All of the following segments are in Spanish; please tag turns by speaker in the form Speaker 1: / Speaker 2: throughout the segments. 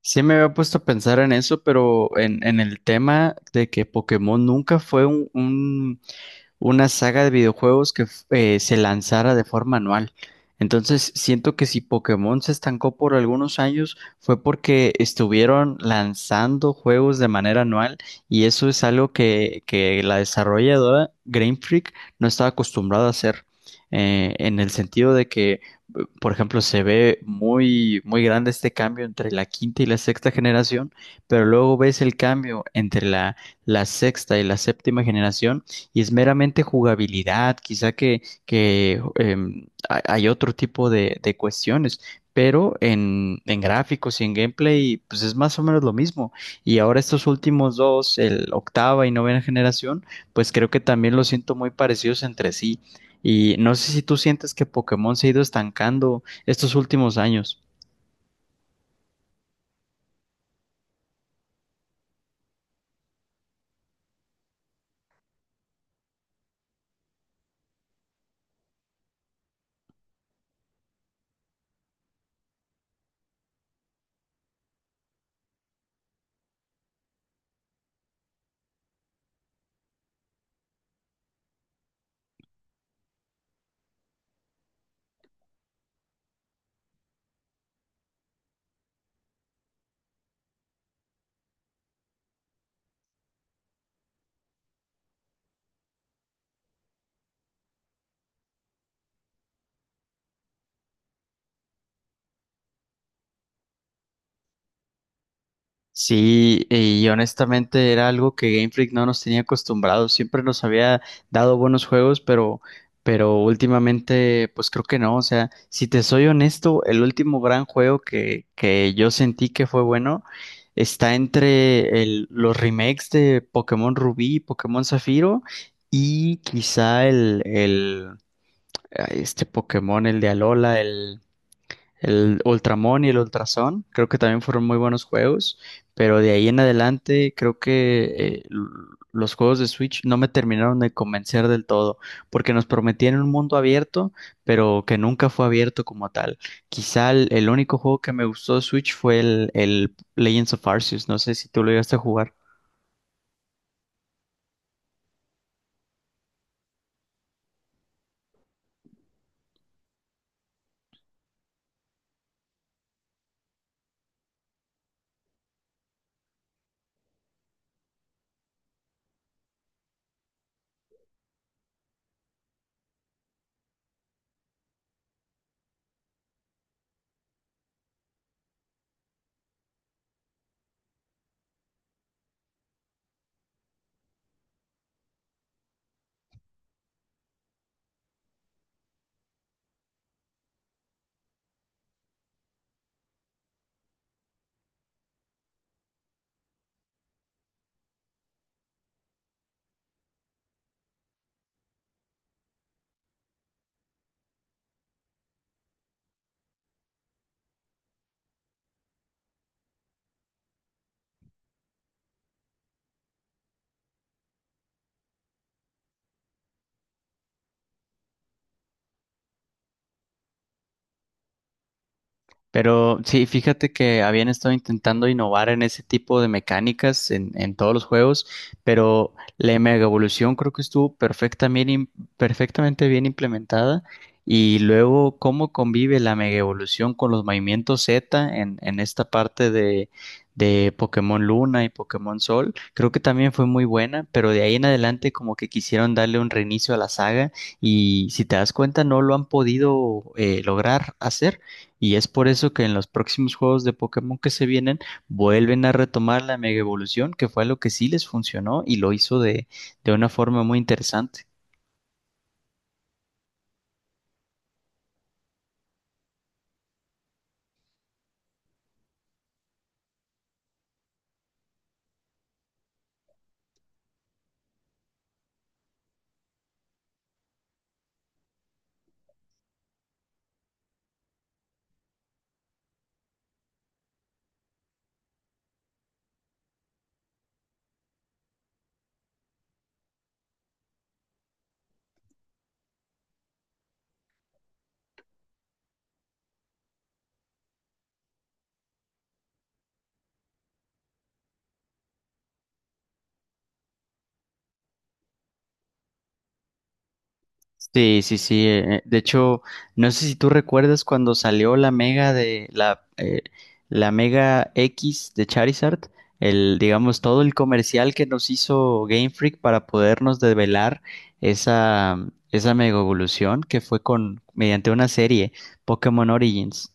Speaker 1: Sí me había puesto a pensar en eso, pero en el tema de que Pokémon nunca fue una saga de videojuegos que se lanzara de forma anual. Entonces, siento que si Pokémon se estancó por algunos años fue porque estuvieron lanzando juegos de manera anual y eso es algo que la desarrolladora Game Freak no estaba acostumbrada a hacer, en el sentido de que, por ejemplo, se ve muy, muy grande este cambio entre la quinta y la sexta generación, pero luego ves el cambio entre la sexta y la séptima generación, y es meramente jugabilidad, quizá que hay otro tipo de cuestiones, pero en gráficos y en gameplay, pues es más o menos lo mismo. Y ahora estos últimos dos, el octava y novena generación, pues creo que también los siento muy parecidos entre sí. Y no sé si tú sientes que Pokémon se ha ido estancando estos últimos años. Sí, y honestamente era algo que Game Freak no nos tenía acostumbrados. Siempre nos había dado buenos juegos, pero últimamente, pues creo que no. O sea, si te soy honesto, el último gran juego que yo sentí que fue bueno está entre los remakes de Pokémon Rubí y Pokémon Zafiro, y quizá este Pokémon, el de Alola, el Ultramon y el Ultrason, creo que también fueron muy buenos juegos, pero de ahí en adelante creo que los juegos de Switch no me terminaron de convencer del todo, porque nos prometían un mundo abierto, pero que nunca fue abierto como tal. Quizá el único juego que me gustó de Switch fue el Legends of Arceus. No sé si tú lo llegaste a jugar. Pero sí, fíjate que habían estado intentando innovar en ese tipo de mecánicas en todos los juegos, pero la Mega Evolución creo que estuvo perfectamente bien implementada. Y luego, ¿cómo convive la Mega Evolución con los movimientos Z en esta parte de Pokémon Luna y Pokémon Sol? Creo que también fue muy buena, pero de ahí en adelante como que quisieron darle un reinicio a la saga y, si te das cuenta, no lo han podido lograr hacer. Y es por eso que en los próximos juegos de Pokémon que se vienen vuelven a retomar la Mega Evolución, que fue lo que sí les funcionó, y lo hizo de una forma muy interesante. Sí, sí, sí. De hecho, no sé si tú recuerdas cuando salió la mega de la mega X de Charizard, el, digamos, todo el comercial que nos hizo Game Freak para podernos develar esa, esa mega evolución, que fue con, mediante una serie, Pokémon Origins.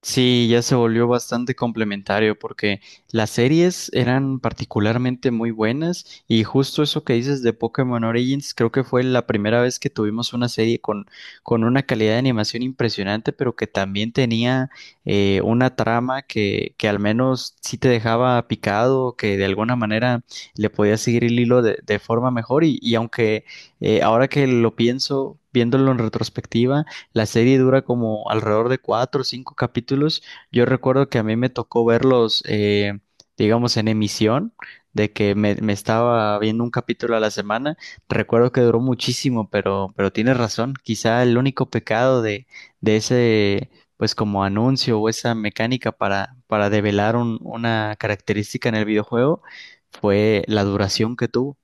Speaker 1: Sí, ya se volvió bastante complementario porque las series eran particularmente muy buenas, y justo eso que dices de Pokémon Origins, creo que fue la primera vez que tuvimos una serie con, una calidad de animación impresionante, pero que también tenía una trama que al menos sí te dejaba picado, que de alguna manera le podías seguir el hilo de forma mejor y aunque ahora que lo pienso. Viéndolo en retrospectiva, la serie dura como alrededor de cuatro o cinco capítulos. Yo recuerdo que a mí me tocó verlos, digamos, en emisión, de que me estaba viendo un capítulo a la semana. Recuerdo que duró muchísimo, pero tienes razón. Quizá el único pecado de ese, pues, como anuncio o esa mecánica para develar una característica en el videojuego fue la duración que tuvo.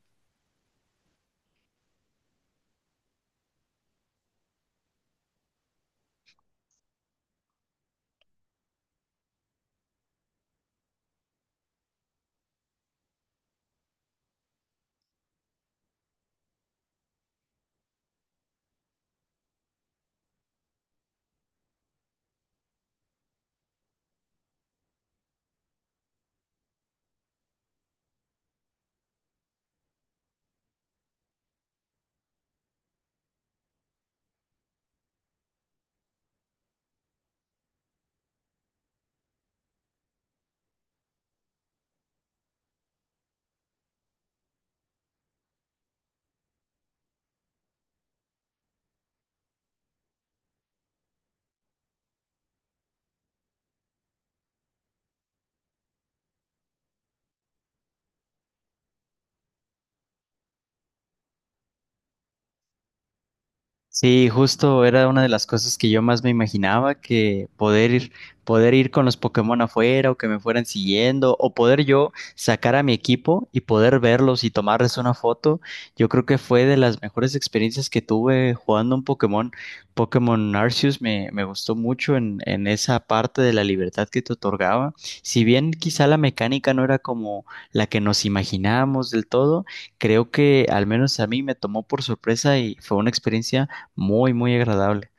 Speaker 1: Sí, justo era una de las cosas que yo más me imaginaba, que poder ir con los Pokémon afuera, o que me fueran siguiendo, o poder yo sacar a mi equipo y poder verlos y tomarles una foto. Yo creo que fue de las mejores experiencias que tuve jugando un Pokémon. Pokémon Arceus me gustó mucho en esa parte de la libertad que te otorgaba. Si bien quizá la mecánica no era como la que nos imaginábamos del todo, creo que al menos a mí me tomó por sorpresa y fue una experiencia muy, muy agradable.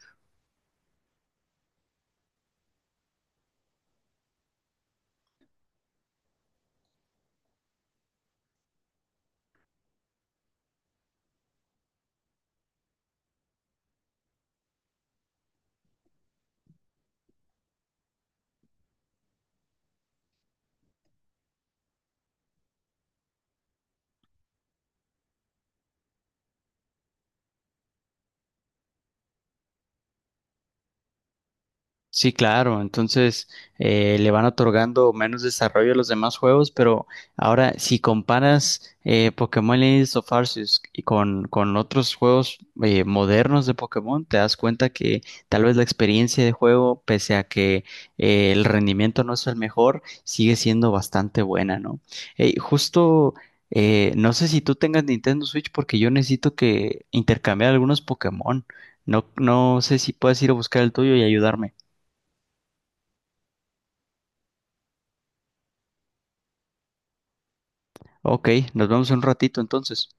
Speaker 1: Sí, claro. Entonces le van otorgando menos desarrollo a los demás juegos, pero ahora, si comparas Pokémon Legends of Arceus y con otros juegos modernos de Pokémon, te das cuenta que tal vez la experiencia de juego, pese a que el rendimiento no es el mejor, sigue siendo bastante buena, ¿no? Justo, no sé si tú tengas Nintendo Switch, porque yo necesito que intercambiar algunos Pokémon. No, no sé si puedes ir a buscar el tuyo y ayudarme. Ok, nos vemos en un ratito entonces.